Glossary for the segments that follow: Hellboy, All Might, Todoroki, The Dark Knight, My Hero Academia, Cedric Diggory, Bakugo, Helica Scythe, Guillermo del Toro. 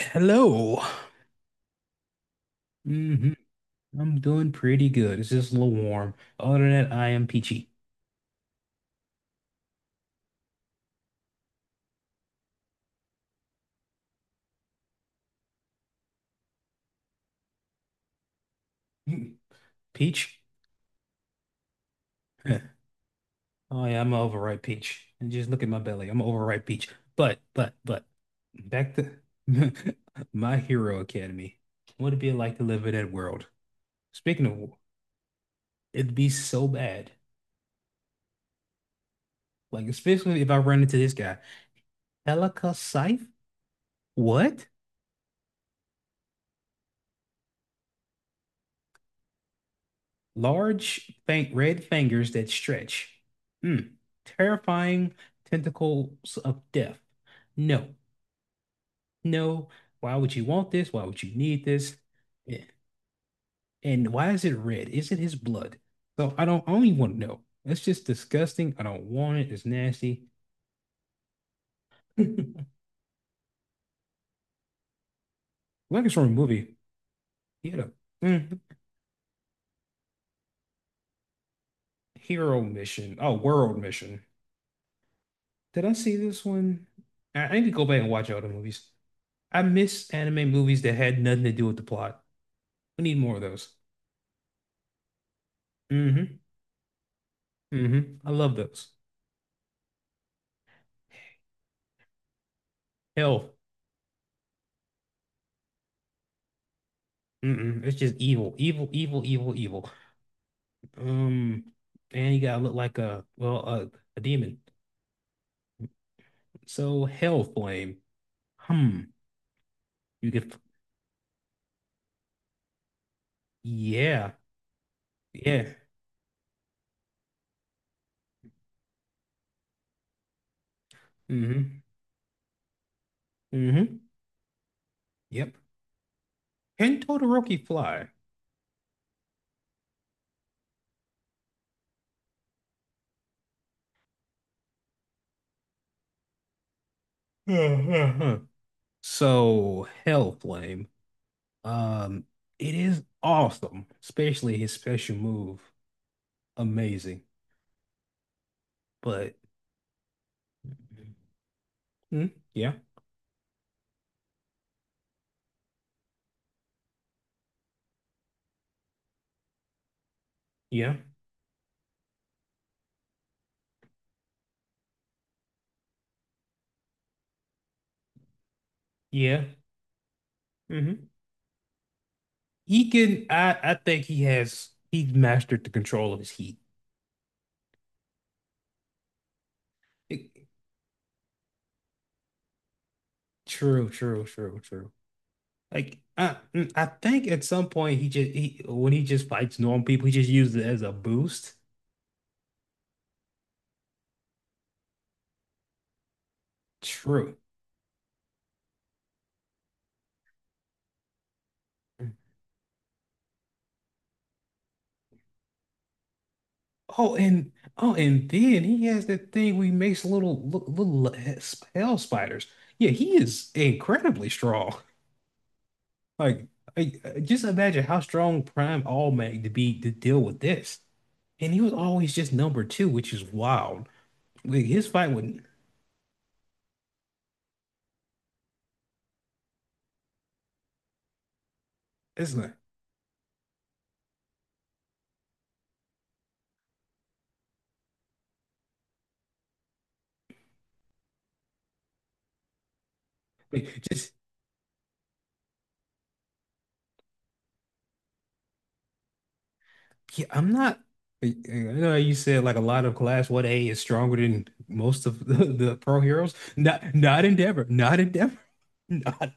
Hello. Hmm. I'm doing pretty good. It's just a little warm. Other than that, I am peachy. Mm. Peach? Huh. Oh yeah, I'm an overripe peach. And just look at my belly. I'm an overripe peach. But, but, but, back to My Hero Academy. What would it be like to live in that world? Speaking of, war, it'd be so bad. Like, especially if I run into this guy. Helica Scythe? What? Large fang red fingers that stretch. Mm. Terrifying tentacles of death. No, no. Why would you want this? Why would you need this? Eh, And why is it red? Is it his blood? I don't even want to know. That's just disgusting. I don't want it. It's nasty. Like it's from a movie. He had a mm, hero mission. Oh, world mission. Did I see this one? I need to go back and watch all the movies. I miss anime movies that had nothing to do with the plot. We need more of those. Mm-hmm. Mm-hmm. I love those. Hell. Mm-mm. It's just evil. Evil, evil, evil, evil. Um, and you gotta look like a a demon. So hell flame. Hmm. You could yeah. Yeah. Mm-hmm. Mm-hmm. Yep. Can Todoroki fly? So hell flame. Um, it is awesome, especially his special move. Amazing. But mm, yeah. Yeah. Yeah. Hmm. He can I think he's mastered the control of his heat. It- true, true, true, true. Like I mm, I think at some point he just he when he just fights normal people, he just uses it as a boost. True. Oh, and oh, and then he has that thing where he makes little li- little he- hell spiders. Yeah, he is incredibly strong. Like, just imagine how strong Prime All Might to be to deal with this. And he was always just number two, which is wild. Like his fight with it's not like just yeah, I'm not I know how you said like a lot of class 1A is stronger than most of the, the pro heroes. Not not Endeavor, not Endeavor, not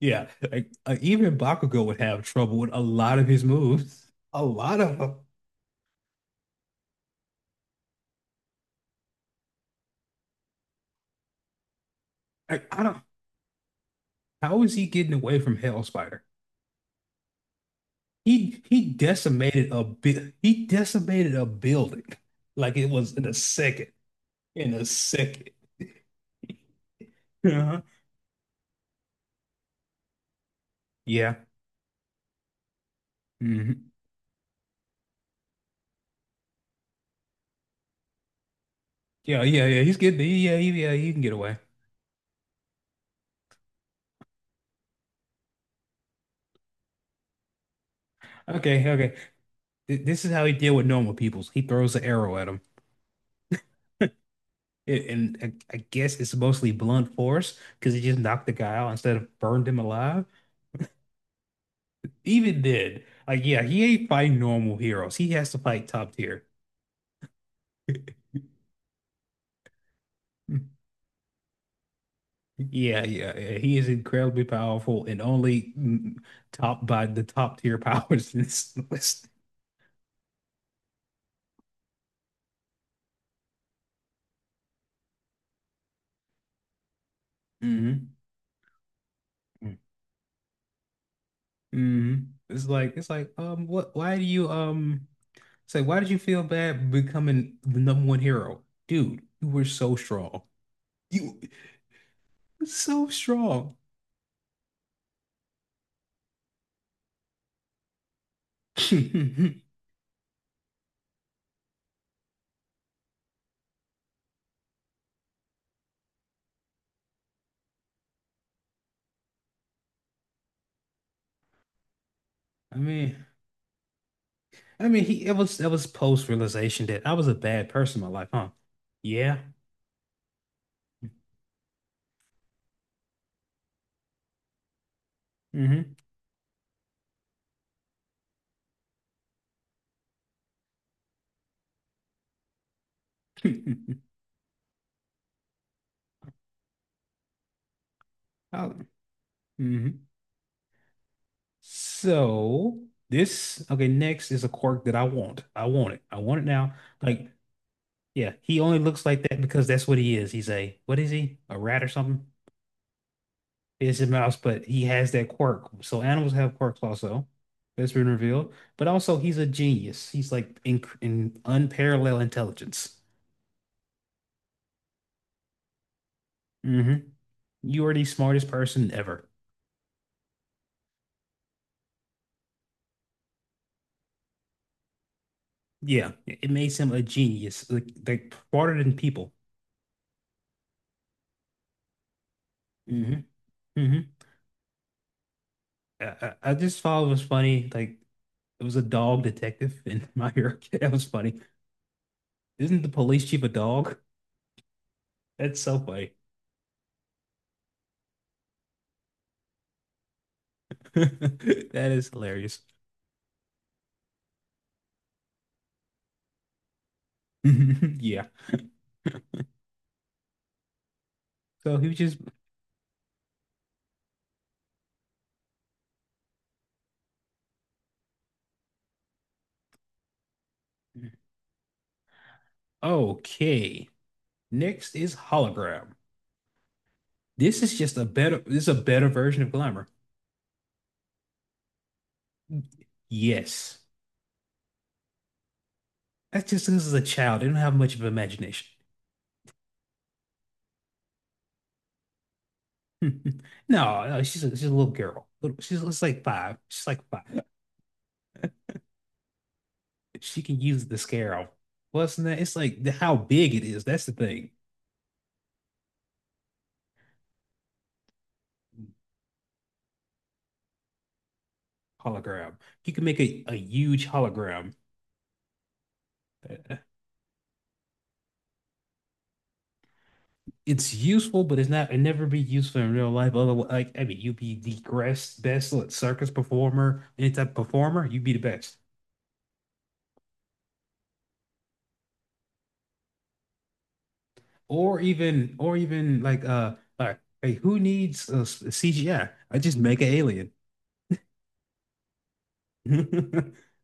yeah. Like even Bakugo would have trouble with a lot of his moves. A lot of them. Like, I don't how is he getting away from Hell Spider? He decimated a building like it was in a second. In a second. Uh-huh. Yeah. Hmm. Yeah, yeah, yeah. He's good. Yeah, yeah, yeah. He can get away. Okay, okay. Th- this is how he deal with normal peoples. He throws an arrow at him, It, and I guess it's mostly blunt force because he just knocked the guy out instead of burned him alive. Even did. Like, yeah, he ain't fighting normal heroes. He has to fight top tier. Yeah, yeah, yeah. He is incredibly powerful and only mm, topped by the top tier powers in this list. Hmm. Mm, it's like what why do you say why did you feel bad becoming the number one hero? Dude, you were so strong. You were so strong. I mean I mean he it was post realization that I was a bad person in my life, huh? Yeah. Mm-hmm. I, hmm. So this okay, next is a quirk that I want. I want it. I want it now. Like yeah, he only looks like that because that's what he is. What is he? A rat or something? It's a mouse, but he has that quirk. So animals have quirks also. That's been revealed. But also, he's a genius. He's like in unparalleled intelligence. Hmm. You are the smartest person ever. Yeah, it makes him a genius, like smarter than people. Hmm. Hmm. I just thought it was funny. Like, it was a dog detective in My Hero. That was funny. Isn't the police chief a dog? That's so funny. That is hilarious. Yeah. So he was just okay. Next is hologram. This is just a better this is a better version of glamour. Yes. That's just this is a child. They don't have much of an imagination. No, no, she's a little girl. She's like five. She's like five. She can use the scarab. Plus, than that it's like the, how big it is. That's the thing. Hologram. You can make a huge hologram. That- it's useful, but it never be useful in real life. Otherwise, like I mean, you'd be the best, best like, circus performer, any type of performer, you'd be the best. Or even like hey, who needs CGI? I just make an alien.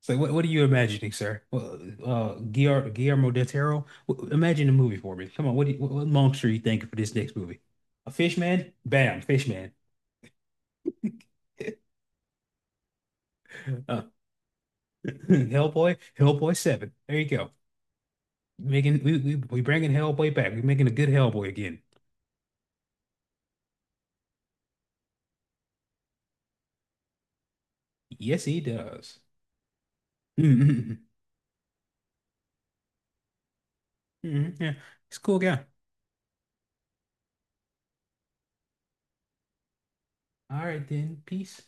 So what are you imagining, sir? Well, Guillermo del Toro, W- imagine a movie for me. Come on, what monster are you thinking for this next movie? A fish man? Bam, fish man. Uh, Hellboy, Hellboy seven. There you go. Making we bringing Hellboy back. We're making a good Hellboy again. Yes, he does. Mhm. Mhm. Yeah, he's a cool guy. All right then. Peace.